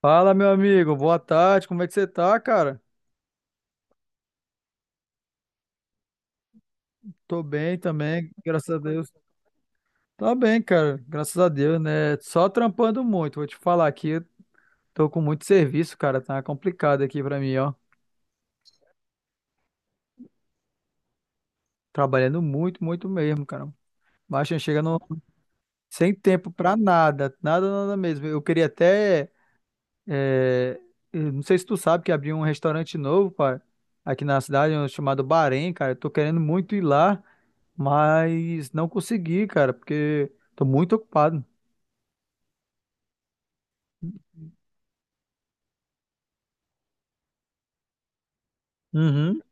Fala, meu amigo. Boa tarde. Como é que você tá, cara? Tô bem também, graças a Deus. Tá bem, cara. Graças a Deus, né? Só trampando muito. Vou te falar aqui, eu tô com muito serviço, cara. Tá complicado aqui pra mim, ó. Trabalhando muito, muito mesmo, cara. Baixa chega no... sem tempo pra nada. Nada, nada mesmo. Eu queria até É, eu não sei se tu sabe que abriu um restaurante novo, pá, aqui na cidade, um chamado Bahrein, cara. Eu tô querendo muito ir lá, mas não consegui, cara, porque tô muito ocupado. Uhum.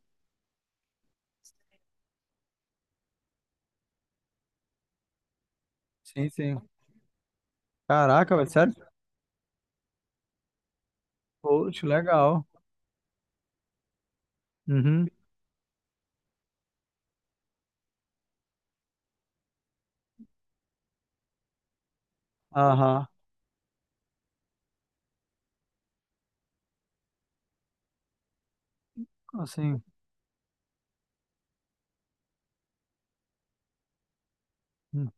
Sim, sim. Caraca, velho, sério? Poxa, legal. Uhum. Aham. Assim. Hum.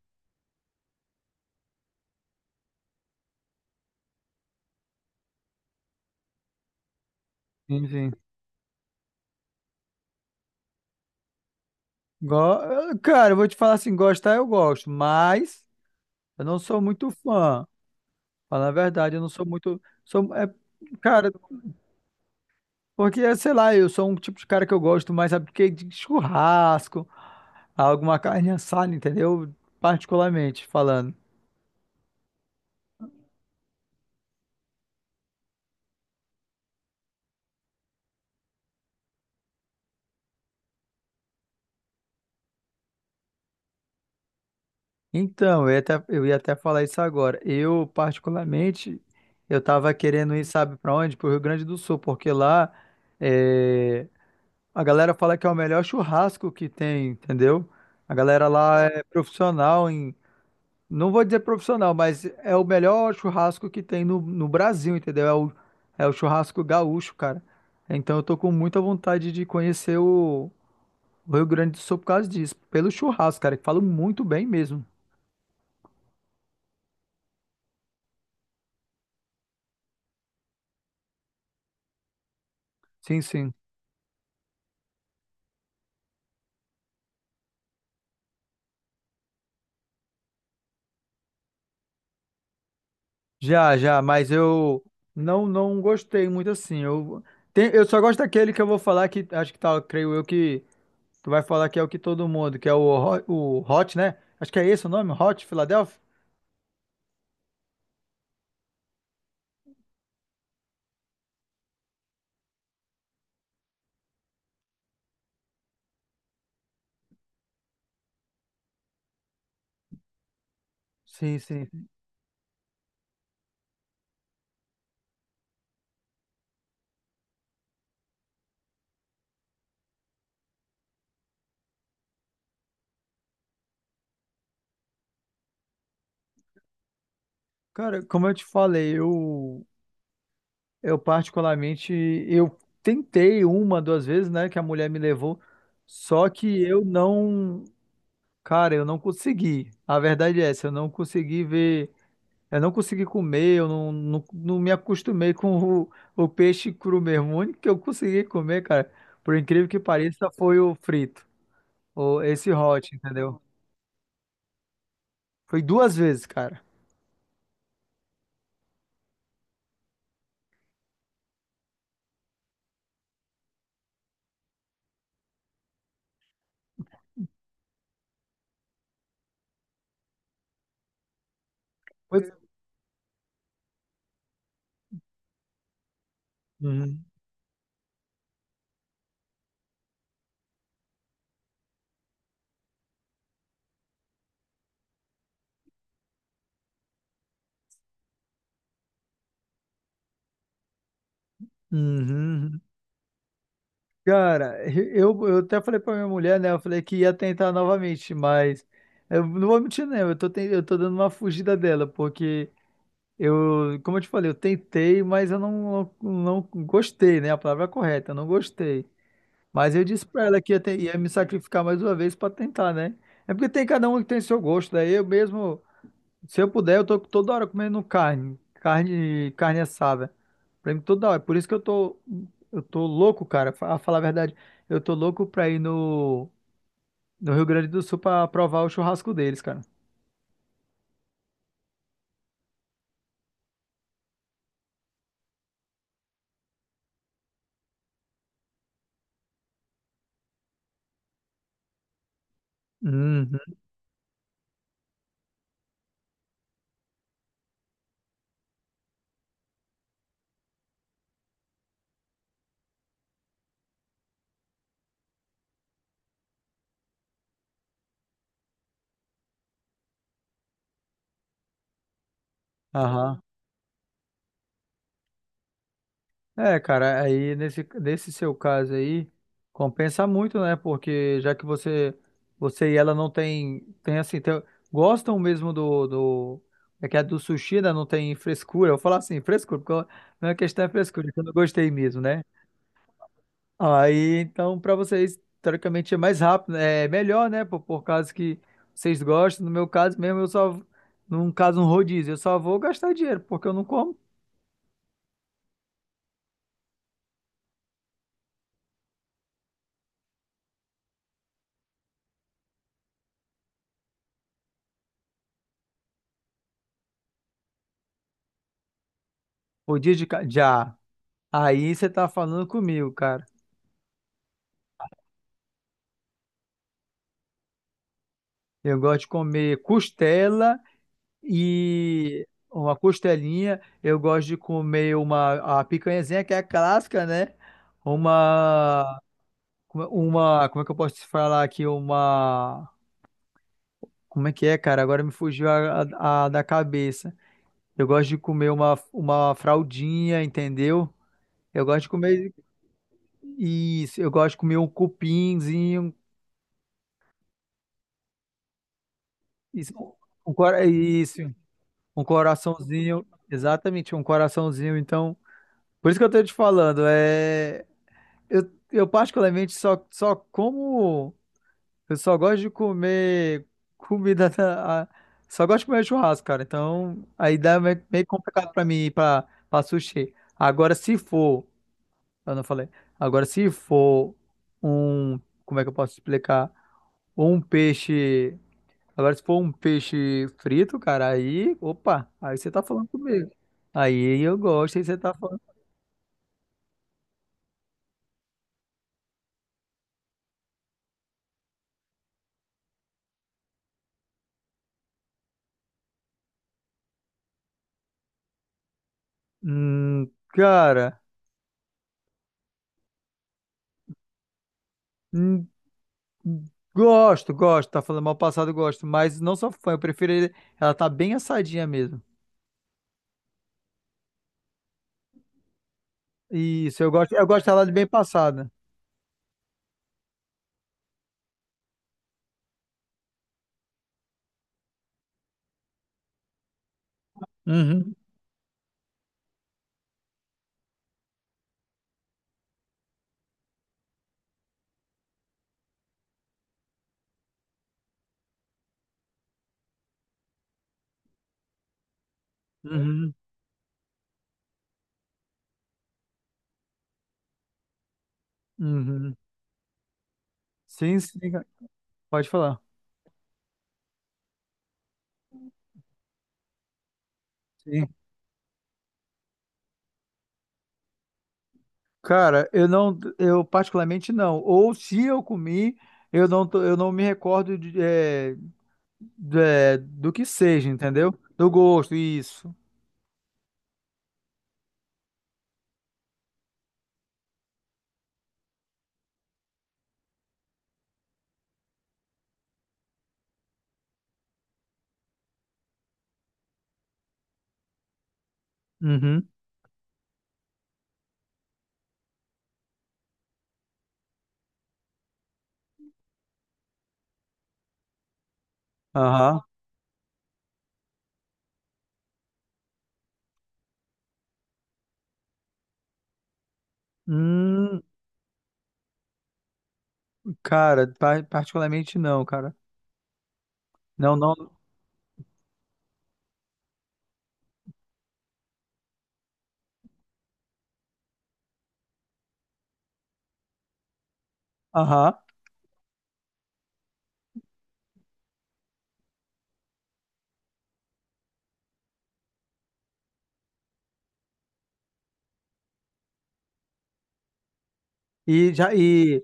Sim, sim. Cara, eu vou te falar assim, gostar eu gosto, mas eu não sou muito fã. Falar a verdade, eu não sou muito. Sou... É... Cara, porque, sei lá, eu sou um tipo de cara que eu gosto mais, sabe, porque de churrasco, alguma carne assada, entendeu? Particularmente falando. Então, eu ia até falar isso agora. Eu, particularmente, eu tava querendo ir, sabe pra onde? Pro Rio Grande do Sul, porque lá é, a galera fala que é o melhor churrasco que tem, entendeu? A galera lá é profissional em não vou dizer profissional, mas é o melhor churrasco que tem no Brasil, entendeu? É o churrasco gaúcho, cara. Então eu tô com muita vontade de conhecer o Rio Grande do Sul por causa disso. Pelo churrasco, cara, que falo muito bem mesmo. Sim, sim. Já, já, mas eu não gostei muito assim. Eu só gosto daquele que eu vou falar que acho que tá, creio eu que tu vai falar que é o que todo mundo, que é o Hot, né? Acho que é esse o nome, Hot Philadelphia? Sim, sim. Cara, como eu te falei, eu particularmente, eu tentei uma, duas vezes, né, que a mulher me levou, só que eu não, cara, eu não consegui. A verdade é essa, eu não consegui ver, eu não consegui comer, eu não, não, não me acostumei com o peixe cru mesmo. O único que eu consegui comer, cara, por incrível que pareça, foi o frito, ou esse hot, entendeu? Foi duas vezes, cara. Foi... Uhum. Uhum. Cara, eu até falei pra minha mulher, né? Eu falei que ia tentar novamente, mas eu não vou mentir, né? Eu tô dando uma fugida dela, porque eu, como eu te falei, eu tentei, mas eu não, não, não gostei, né? A palavra é correta, eu não gostei. Mas eu disse pra ela que ia me sacrificar mais uma vez pra tentar, né? É porque tem cada um que tem seu gosto, daí eu mesmo. Se eu puder, eu tô toda hora comendo carne, carne, carne assada. Pra mim, toda hora. Por isso que eu tô louco, cara, fa- a falar a verdade. Eu tô louco pra ir no Rio Grande do Sul pra provar o churrasco deles, cara. Uhum. Aham. É, cara, aí nesse seu caso aí, compensa muito, né? Porque já que você, você e ela não tem, tem assim, tem- gostam mesmo é que é do sushi, né? Não tem frescura. Eu vou falar assim, frescura, porque eu- minha questão é frescura, é que eu não gostei mesmo, né? Aí, então, pra vocês, teoricamente é mais rápido, né? É melhor, né? Por causa que vocês gostam. No meu caso mesmo, num caso, um rodízio, eu só vou gastar dinheiro, porque eu não como rodízio de, ca- de Aí você tá falando comigo, cara. Eu gosto de comer costela e uma costelinha. Eu gosto de comer uma a picanhazinha que é a clássica, né? Uma uma, como é que eu posso te falar aqui? Uma, como é que é, cara? Agora me fugiu a da cabeça. Eu gosto de comer uma fraldinha, entendeu? Eu gosto de comer isso. Eu gosto de comer um cupinzinho. Isso, isso. Um coraçãozinho, exatamente, um coraçãozinho. Então, por isso que eu tô te falando, é, eu particularmente só como, eu só gosto de comer comida, só gosto de comer churrasco, cara. Então, aí dá meio, meio complicado pra mim ir pra, pra sushi. Agora, se for, eu não falei, agora se for um, como é que eu posso explicar? Um peixe. Agora, se for um peixe frito, cara, aí, opa, aí você tá falando comigo. Aí eu gosto, aí você tá falando. Cara, hum, gosto, gosto, tá falando mal passado, gosto, mas não sou fã, eu prefiro ela tá bem assadinha mesmo. Isso, eu gosto dela de bem passada. Uhum, uhum, uhum. Sim, sim, cara. Pode falar. Sim. Cara, eu particularmente não. Ou se eu comi, eu não me recordo de, é, é, do que seja, entendeu? Do gosto, isso. Uhum. Aham. Hum, cara, particularmente não, cara. Não, não. Aham. E já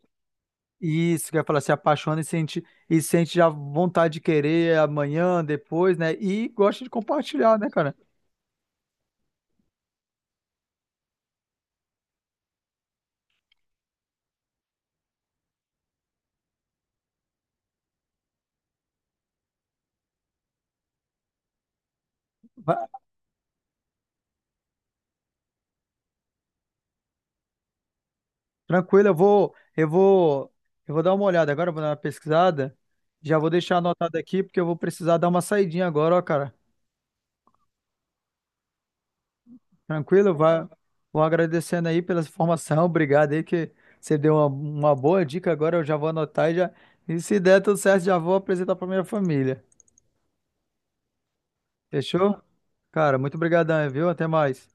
e isso quer falar, se apaixona e sente já vontade de querer amanhã, depois, né? E gosta de compartilhar, né, cara? Va- tranquilo, eu vou dar uma olhada agora, vou dar uma pesquisada. Já vou deixar anotado aqui porque eu vou precisar dar uma saidinha agora, ó, cara. Tranquilo, vai, vou agradecendo aí pela informação, obrigado aí que você deu uma boa dica agora, eu já vou anotar e já, e se der tudo certo, já vou apresentar para minha família. Fechou? Cara, muito obrigadão, viu? Até mais.